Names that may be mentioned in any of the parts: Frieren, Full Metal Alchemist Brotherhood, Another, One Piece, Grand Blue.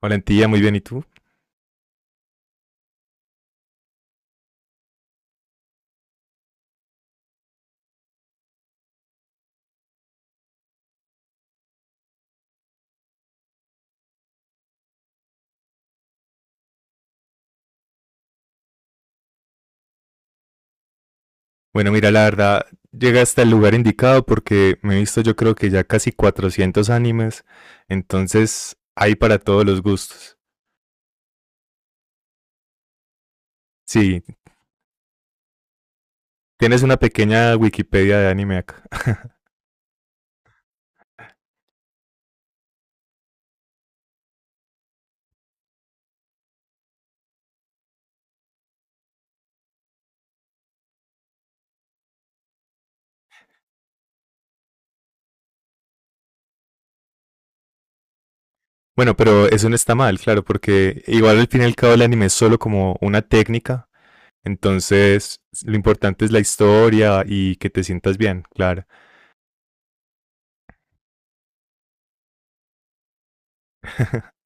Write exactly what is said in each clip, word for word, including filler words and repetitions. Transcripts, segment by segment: Valentía, muy bien, ¿y tú? Bueno, mira, la verdad, llega hasta el lugar indicado porque me he visto yo creo que ya casi cuatrocientos animes, entonces hay para todos los gustos. Sí, tienes una pequeña Wikipedia de anime acá. Bueno, pero eso no está mal, claro, porque igual al fin y al cabo el anime es solo como una técnica, entonces lo importante es la historia y que te sientas bien, claro.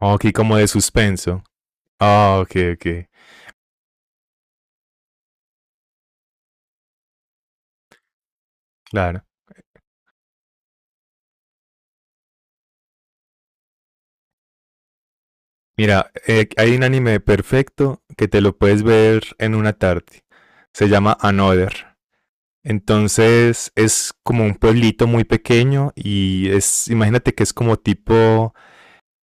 Oh, aquí como de suspenso. Ah, ok, ok, claro. Mira, eh, hay un anime perfecto que te lo puedes ver en una tarde. Se llama Another. Entonces es como un pueblito muy pequeño y es, imagínate que es como tipo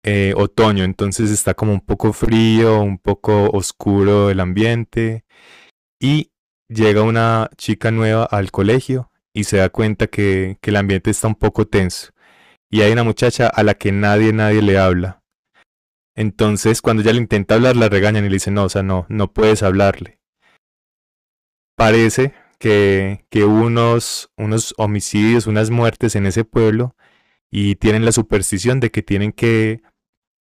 eh, otoño, entonces está como un poco frío, un poco oscuro el ambiente y llega una chica nueva al colegio y se da cuenta que, que el ambiente está un poco tenso y hay una muchacha a la que nadie, nadie le habla entonces, cuando ella le intenta hablar, la regañan y le dicen, no, o sea, no, no puedes hablarle. Parece que, que hubo unos, unos homicidios, unas muertes en ese pueblo y tienen la superstición de que tienen que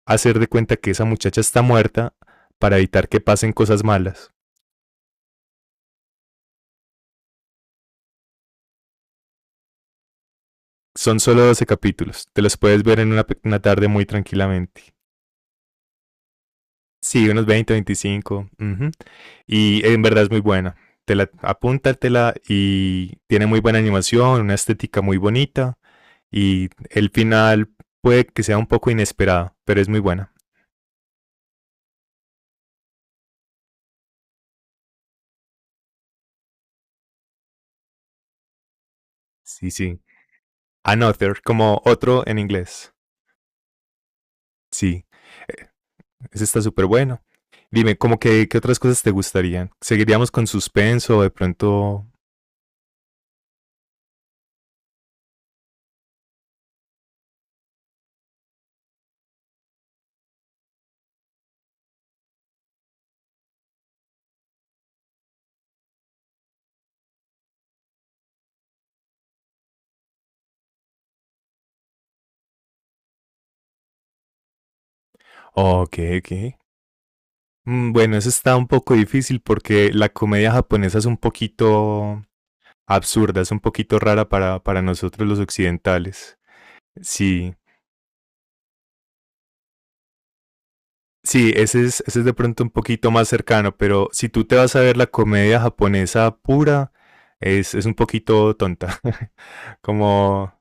hacer de cuenta que esa muchacha está muerta para evitar que pasen cosas malas. Son solo doce capítulos, te los puedes ver en una, una tarde muy tranquilamente. Sí, unos veinte, veinticinco. Ujú. Y en verdad es muy buena. Te la, apúntatela y tiene muy buena animación, una estética muy bonita. Y el final puede que sea un poco inesperado, pero es muy buena. Sí, sí. Another, como otro en inglés. Sí. Eh, Ese está súper bueno. Dime, ¿cómo que, qué otras cosas te gustarían? ¿Seguiríamos con suspenso o de pronto? Ok, ok. Mm, Bueno, eso está un poco difícil porque la comedia japonesa es un poquito absurda, es un poquito rara para, para nosotros los occidentales. Sí, sí, ese es, ese es de pronto un poquito más cercano, pero si tú te vas a ver la comedia japonesa pura, es, es un poquito tonta. Como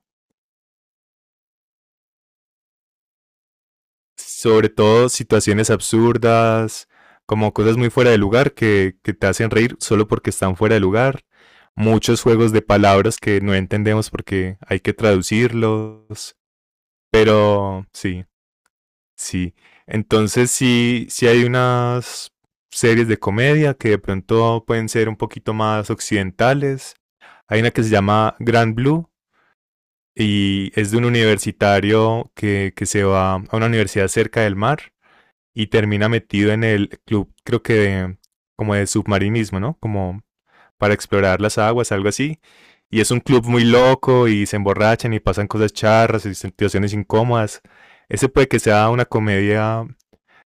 sobre todo situaciones absurdas, como cosas muy fuera de lugar que, que te hacen reír solo porque están fuera de lugar. Muchos juegos de palabras que no entendemos porque hay que traducirlos. Pero sí, sí, entonces sí, sí hay unas series de comedia que de pronto pueden ser un poquito más occidentales. Hay una que se llama Grand Blue y es de un universitario que, que se va a una universidad cerca del mar y termina metido en el club, creo que de- como de submarinismo, ¿no? Como para explorar las aguas, algo así. Y es un club muy loco y se emborrachan y pasan cosas charras y situaciones incómodas. Ese puede que sea una comedia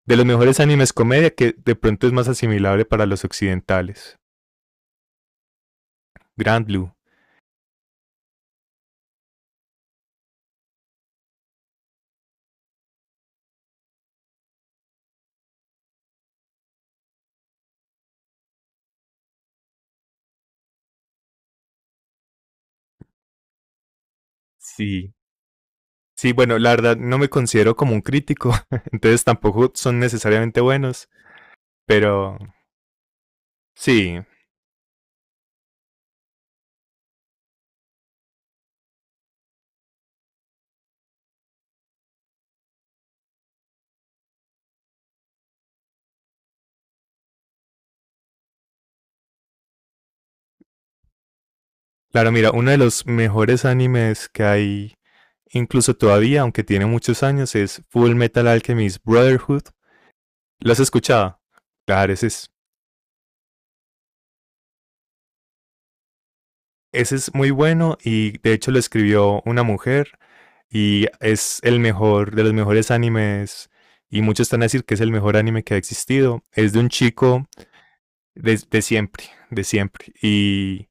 de los mejores animes comedia que de pronto es más asimilable para los occidentales. Grand Blue. Sí. Sí, bueno, la verdad no me considero como un crítico, entonces tampoco son necesariamente buenos, pero sí. Claro, mira, uno de los mejores animes que hay, incluso todavía, aunque tiene muchos años, es Full Metal Alchemist Brotherhood. ¿Lo has escuchado? Claro, ese es, ese es muy bueno y de hecho lo escribió una mujer y es el mejor de los mejores animes y muchos están a decir que es el mejor anime que ha existido. Es de un chico de, de siempre, de siempre. Y,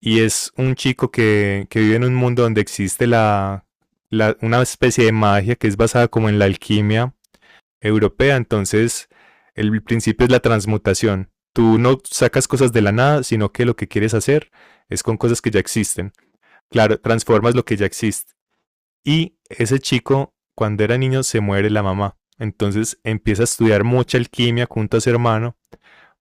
y es un chico que, que, vive en un mundo donde existe la, la, una especie de magia que es basada como en la alquimia europea. Entonces, el principio es la transmutación. Tú no sacas cosas de la nada, sino que lo que quieres hacer es con cosas que ya existen. Claro, transformas lo que ya existe. Y ese chico, cuando era niño, se muere la mamá. Entonces empieza a estudiar mucha alquimia junto a su hermano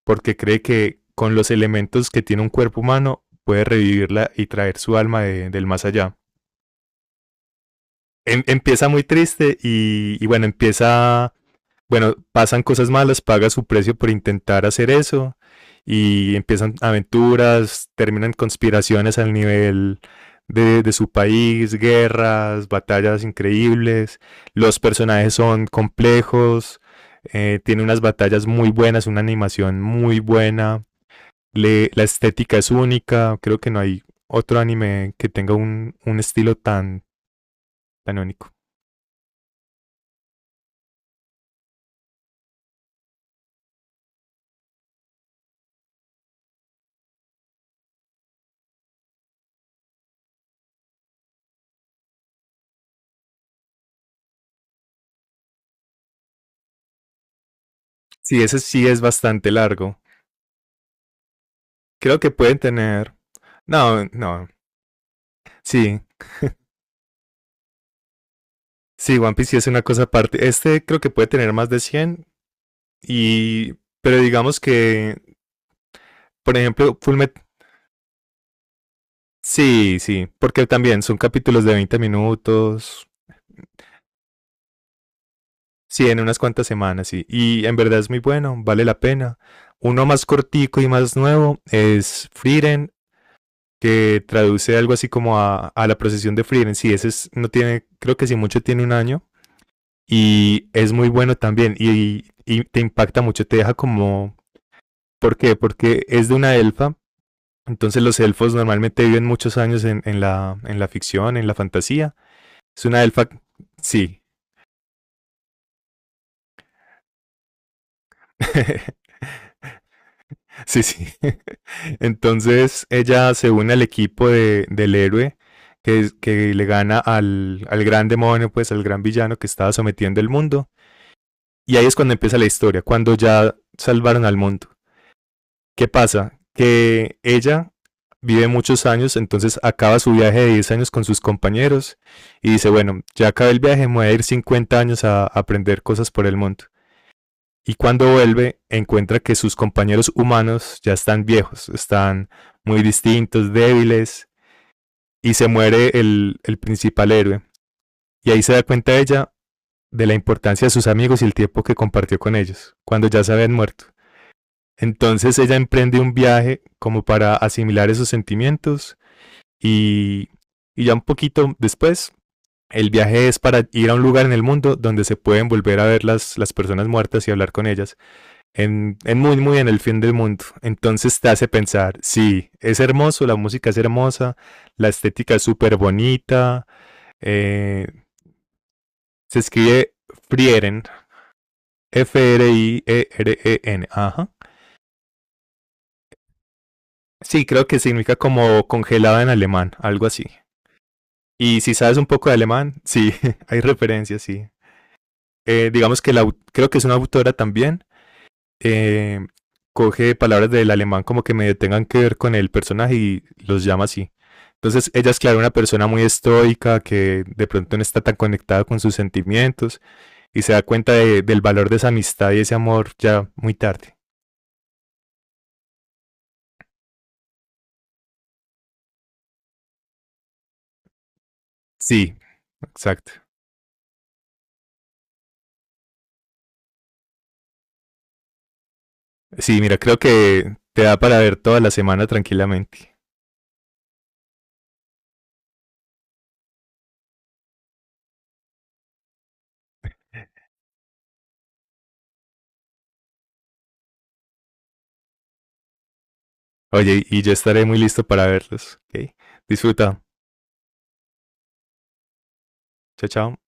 porque cree que con los elementos que tiene un cuerpo humano puede revivirla y traer su alma de- del más allá. Em- empieza muy triste y, y bueno, empieza bueno, pasan cosas malas, paga su precio por intentar hacer eso y empiezan aventuras, terminan conspiraciones al nivel de, de, su país, guerras, batallas increíbles. Los personajes son complejos, eh, tiene unas batallas muy buenas, una animación muy buena. Le, la estética es única, creo que no hay otro anime que tenga un, un estilo tan, tan único. Sí, ese sí es bastante largo. Creo que pueden tener. No, no, sí, sí, One Piece sí es una cosa aparte. Este creo que puede tener más de cien y... Pero digamos que, por ejemplo, Fullmet... Sí, sí, porque también son capítulos de veinte minutos, sí, en unas cuantas semanas, sí. Y en verdad es muy bueno, vale la pena. Uno más cortico y más nuevo es Frieren, que traduce algo así como a, a la procesión de Frieren. Sí, ese es, no tiene, creo que si mucho tiene un año. Y es muy bueno también. Y, y te impacta mucho, te deja como ¿por qué? Porque es de una elfa. Entonces los elfos normalmente viven muchos años en, en la, en la ficción, en la fantasía. Es una elfa, sí, sí, sí. Entonces ella se une al equipo de- del héroe que, es- que le gana al, al gran demonio, pues al gran villano que estaba sometiendo el mundo. Y ahí es cuando empieza la historia, cuando ya salvaron al mundo. ¿Qué pasa? Que ella vive muchos años, entonces acaba su viaje de diez años con sus compañeros y dice, bueno, ya acabé el viaje, me voy a ir cincuenta años a aprender cosas por el mundo. Y cuando vuelve, encuentra que sus compañeros humanos ya están viejos, están muy distintos, débiles, y se muere el, el principal héroe. Y ahí se da cuenta ella de la importancia de sus amigos y el tiempo que compartió con ellos, cuando ya se habían muerto. Entonces ella emprende un viaje como para asimilar esos sentimientos. Y, y ya un poquito después, el viaje es para ir a un lugar en el mundo donde se pueden volver a ver las, las personas muertas y hablar con ellas. En, en muy, muy en el fin del mundo. Entonces te hace pensar, sí, es hermoso, la música es hermosa, la estética es súper bonita. eh, Se escribe Frieren, F R I E R E N. Ajá. Sí, creo que significa como congelada en alemán, algo así. Y si sabes un poco de alemán, sí, hay referencias, sí. Eh, digamos que la, creo que es una autora también, eh, coge palabras del alemán como que medio tengan que ver con el personaje y los llama así. Entonces ella es claro una persona muy estoica que de pronto no está tan conectada con sus sentimientos y se da cuenta de, del valor de esa amistad y ese amor ya muy tarde. Sí, exacto. Sí, mira, creo que te da para ver toda la semana tranquilamente. Oye, y yo estaré muy listo para verlos. ¿Ok? Disfruta. Chao, chao.